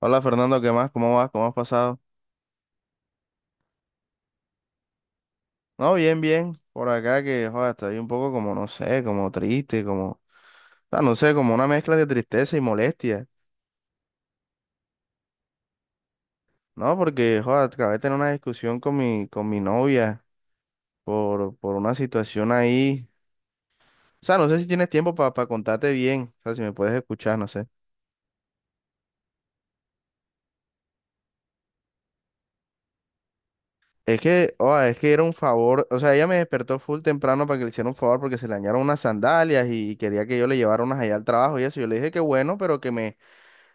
Hola Fernando, ¿qué más? ¿Cómo vas? ¿Cómo has pasado? No, bien, bien. Por acá que, joder, estoy un poco como, no sé, como triste, como, o sea, no sé, como una mezcla de tristeza y molestia, ¿no? Porque, joder, acabé de tener una discusión con mi novia por una situación ahí. O sea, no sé si tienes tiempo para contarte bien, o sea, si me puedes escuchar, no sé. Es que, joder, es que era un favor, o sea, ella me despertó full temprano para que le hiciera un favor porque se le dañaron unas sandalias y quería que yo le llevara unas allá al trabajo y eso. Yo le dije que bueno, pero que me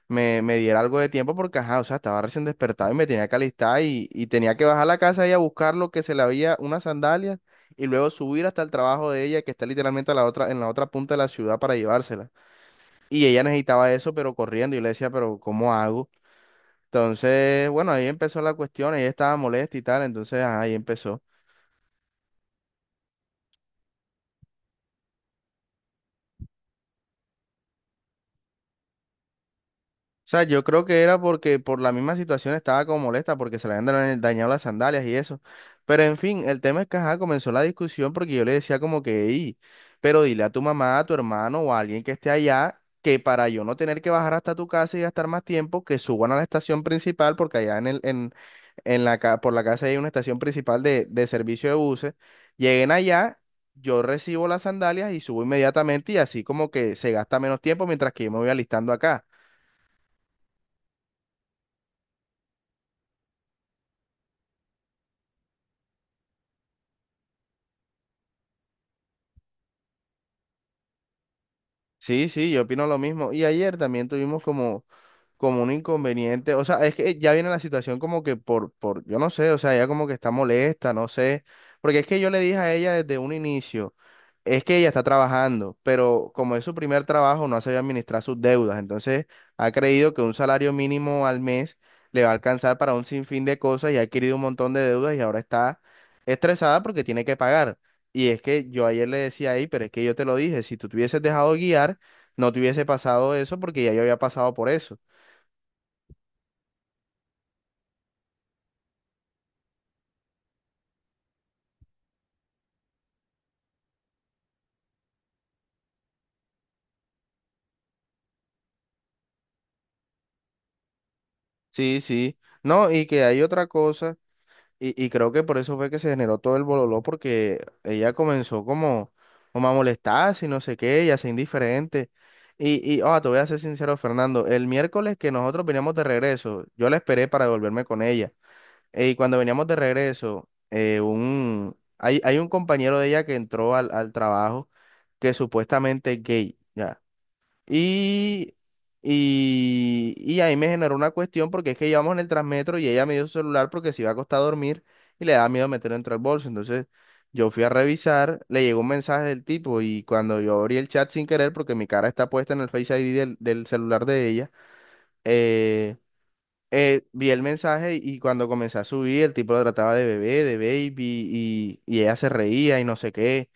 me, me diera algo de tiempo porque, ajá, o sea, estaba recién despertado y me tenía que alistar y tenía que bajar a la casa y a buscar lo que se le había, unas sandalias, y luego subir hasta el trabajo de ella, que está literalmente a la otra, en la otra punta de la ciudad para llevársela. Y ella necesitaba eso, pero corriendo, y le decía, pero ¿cómo hago? Entonces, bueno, ahí empezó la cuestión, ella estaba molesta y tal, entonces, ajá, ahí empezó. O sea, yo creo que era porque por la misma situación estaba como molesta porque se le habían dañado las sandalias y eso. Pero en fin, el tema es que ajá, comenzó la discusión porque yo le decía como que, "Ey, pero dile a tu mamá, a tu hermano o a alguien que esté allá que para yo no tener que bajar hasta tu casa y gastar más tiempo, que suban a la estación principal porque allá en la, por la casa hay una estación principal de servicio de buses. Lleguen allá, yo recibo las sandalias y subo inmediatamente y así como que se gasta menos tiempo mientras que yo me voy alistando acá. Sí, sí, yo opino lo mismo. Y ayer también tuvimos como, como un inconveniente. O sea, es que ya viene la situación como que yo no sé, o sea, ella como que está molesta, no sé. Porque es que yo le dije a ella desde un inicio. Es que ella está trabajando, pero como es su primer trabajo, no ha sabido administrar sus deudas. Entonces, ha creído que un salario mínimo al mes le va a alcanzar para un sinfín de cosas y ha adquirido un montón de deudas y ahora está estresada porque tiene que pagar. Y es que yo ayer le decía ahí, pero es que yo te lo dije, si tú te hubieses dejado guiar, no te hubiese pasado eso porque ya yo había pasado por eso. Sí, sí. No, y que hay otra cosa. Y creo que por eso fue que se generó todo el bololó, porque ella comenzó como, como a molestarse y no sé qué, y a ser indiferente. Y oh, te voy a ser sincero, Fernando, el miércoles que nosotros veníamos de regreso, yo la esperé para devolverme con ella. Y cuando veníamos de regreso, un, hay un compañero de ella que entró al trabajo que supuestamente es gay, ya. Y, y ahí me generó una cuestión porque es que íbamos en el Transmetro y ella me dio su celular porque se iba a acostar a dormir y le daba miedo meterlo dentro del bolso. Entonces yo fui a revisar, le llegó un mensaje del tipo y cuando yo abrí el chat sin querer porque mi cara está puesta en el Face ID del celular de ella, eh, vi el mensaje y cuando comencé a subir el tipo lo trataba de bebé, de baby y ella se reía y no sé qué.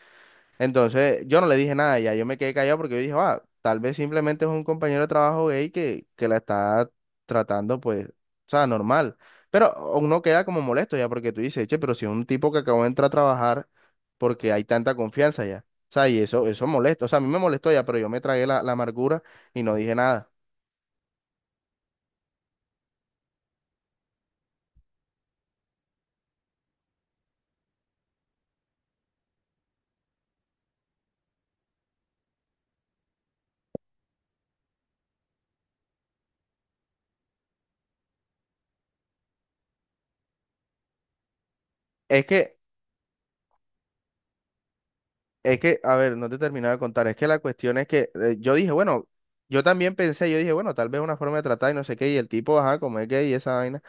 Entonces, yo no le dije nada, ya yo me quedé callado porque yo dije, va, tal vez simplemente es un compañero de trabajo gay que la está tratando, pues, o sea, normal. Pero uno queda como molesto ya porque tú dices, che, pero si es un tipo que acabó de entrar a trabajar porque hay tanta confianza ya. O sea, y eso molesta. O sea, a mí me molestó ya, pero yo me tragué la amargura y no dije nada. Es que, a ver, no te terminaba de contar. Es que la cuestión es que yo dije, bueno, yo también pensé, yo dije, bueno, tal vez una forma de tratar y no sé qué. Y el tipo, ajá, como es gay y esa vaina.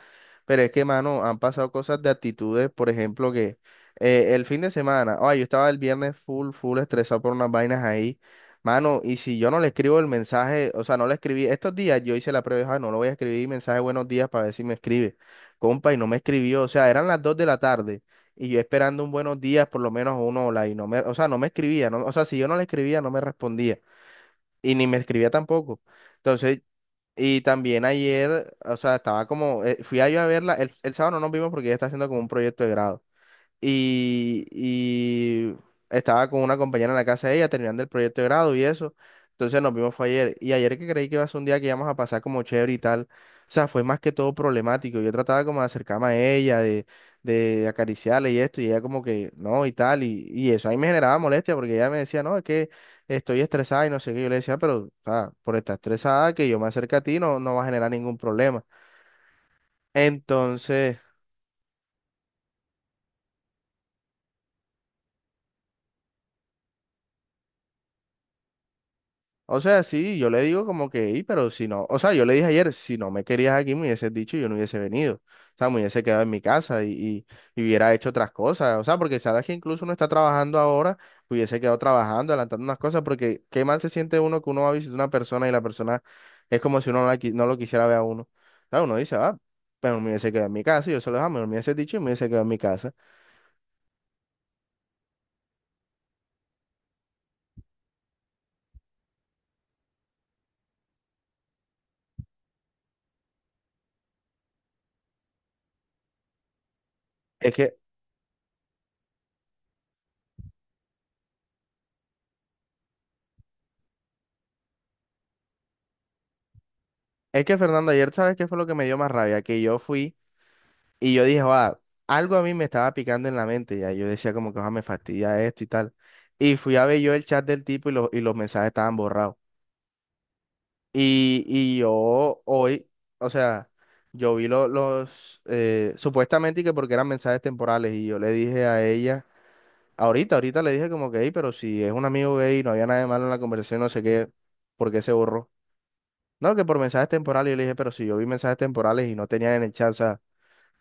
Pero es que, mano, han pasado cosas de actitudes, por ejemplo, que el fin de semana, ay, yo estaba el viernes full estresado por unas vainas ahí, mano, y si yo no le escribo el mensaje, o sea, no le escribí, estos días yo hice la prueba, dije, "Ay, no lo voy a escribir mensaje buenos días para ver si me escribe, compa, y no me escribió, o sea, eran las 2 de la tarde, y yo esperando un buenos días, por lo menos uno, hola, y no me, o sea, no me escribía, no, o sea, si yo no le escribía, no me respondía, y ni me escribía tampoco. Entonces y también ayer, o sea, estaba como, fui a yo a verla, el sábado no nos vimos porque ella está haciendo como un proyecto de grado y estaba con una compañera en la casa de ella terminando el proyecto de grado y eso. Entonces nos vimos fue ayer. Y ayer que creí que iba a ser un día que íbamos a pasar como chévere y tal. O sea, fue más que todo problemático. Yo trataba como de acercarme a ella, de acariciarle y esto, y ella como que no y tal. Y eso ahí me generaba molestia porque ella me decía, no, es que estoy estresada y no sé qué. Yo le decía, pero o sea, por estar estresada, que yo me acerque a ti no, no va a generar ningún problema. Entonces, o sea, sí, yo le digo como que, "Ey, pero si no, o sea, yo le dije ayer, si no me querías aquí, me hubieses dicho y yo no hubiese venido. O sea, me hubiese quedado en mi casa y hubiera hecho otras cosas. O sea, porque sabes que incluso uno está trabajando ahora, hubiese quedado trabajando, adelantando unas cosas, porque qué mal se siente uno que uno va a visitar a una persona y la persona es como si uno no, no lo quisiera ver a uno. O sea, uno dice, ah, pero me hubiese quedado en mi casa, y yo se lo dije, "Ah, mejor me hubiese dicho y me hubiese quedado en mi casa. Es que, es que Fernando, ayer, ¿sabes qué fue lo que me dio más rabia? Que yo fui. Y yo dije, va, algo a mí me estaba picando en la mente, ya yo decía como que "Joda, me fastidia esto y tal. Y fui a ver yo el chat del tipo los mensajes estaban borrados. Y yo hoy, o sea, yo vi los, supuestamente que porque eran mensajes temporales y yo le dije a ella, ahorita le dije como que, "Ey, pero si es un amigo gay, no había nada de malo en la conversación, no sé qué, ¿por qué se borró? No, que por mensajes temporales, yo le dije, pero si yo vi mensajes temporales y no tenían en el chat, o sea,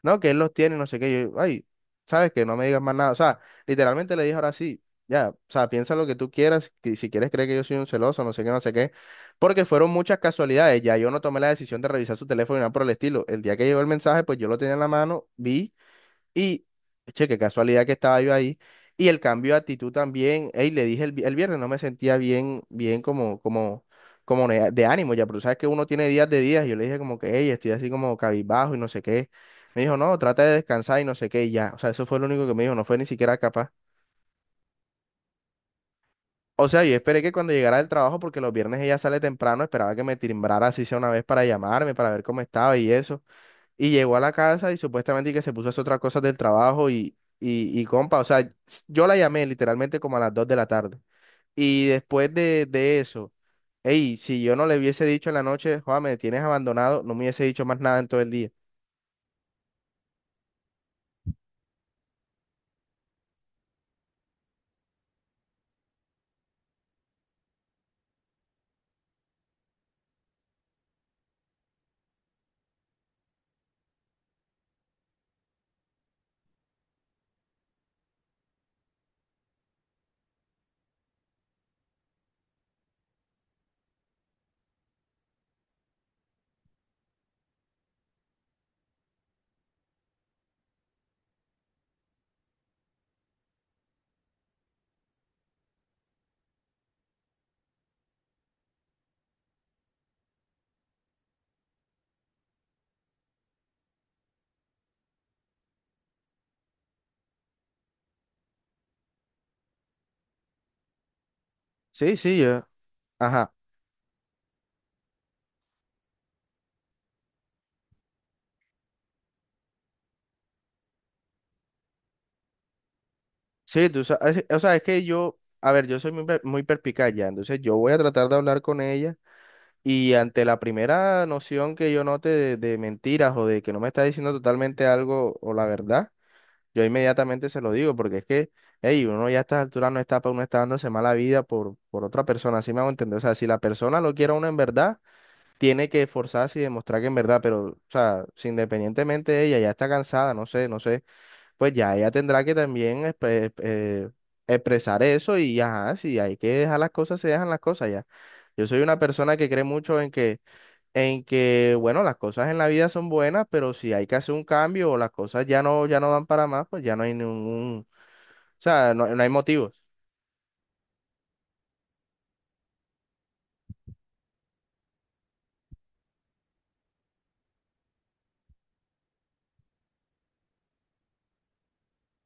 no, que él los tiene, no sé qué. Yo, ay, sabes que no me digas más nada. O sea, literalmente le dije ahora sí, ya, o sea, piensa lo que tú quieras, que si quieres creer que yo soy un celoso, no sé qué, no sé qué. Porque fueron muchas casualidades. Ya yo no tomé la decisión de revisar su teléfono ni nada por el estilo. El día que llegó el mensaje, pues yo lo tenía en la mano, vi. Y, che, qué casualidad que estaba yo ahí. Y el cambio de actitud también, ey, le dije el viernes, no me sentía bien, bien como, como, como de ánimo ya, pero tú sabes que uno tiene días de días. Y yo le dije como que, ey, estoy así como cabizbajo y no sé qué. Me dijo, no, trata de descansar y no sé qué, y ya. O sea, eso fue lo único que me dijo, no fue ni siquiera capaz. O sea, yo esperé que cuando llegara del trabajo, porque los viernes ella sale temprano, esperaba que me timbrara así sea una vez para llamarme, para ver cómo estaba y eso. Y llegó a la casa y supuestamente que se puso a hacer otras cosas del trabajo y compa, o sea, yo la llamé literalmente como a las 2 de la tarde. Y después de eso, hey, si yo no le hubiese dicho en la noche, Juan, me tienes abandonado, no me hubiese dicho más nada en todo el día. Sí, sí, yo, ajá. Sí, tú sabes, o sea, es que yo, a ver, yo soy muy, per- muy perspicaz ya, entonces yo voy a tratar de hablar con ella y ante la primera noción que yo note de mentiras o de que no me está diciendo totalmente algo o la verdad. Yo inmediatamente se lo digo, porque es que, hey, uno ya a estas alturas no está, uno está dándose mala vida por otra persona, así me hago entender. O sea, si la persona lo quiere a uno en verdad, tiene que esforzarse y demostrar que en verdad, pero, o sea, si independientemente de ella ya está cansada, no sé, no sé, pues ya ella tendrá que también expresar eso y ajá, si hay que dejar las cosas, se dejan las cosas ya. Yo soy una persona que cree mucho en que bueno, las cosas en la vida son buenas, pero si hay que hacer un cambio o las cosas ya no, ya no dan para más, pues ya no hay ningún, o sea, no, no hay motivos.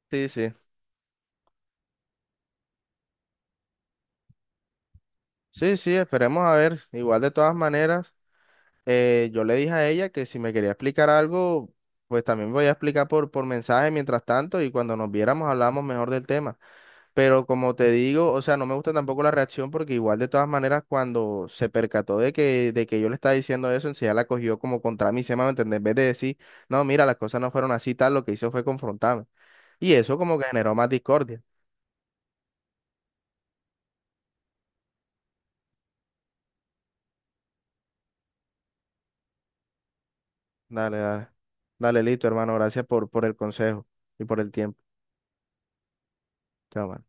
Sí, sí. Sí, sí, esperemos a ver. Igual de todas maneras, yo le dije a ella que si me quería explicar algo, pues también voy a explicar por mensaje mientras tanto y cuando nos viéramos hablamos mejor del tema. Pero como te digo, o sea, no me gusta tampoco la reacción porque igual de todas maneras cuando se percató de que yo le estaba diciendo eso, enseguida la cogió como contra mí, se me va a entender, en vez de decir, no, mira, las cosas no fueron así, tal, lo que hizo fue confrontarme. Y eso como que generó más discordia. Dale, dale, dale, listo, hermano, gracias por el consejo y por el tiempo. Chao, mano.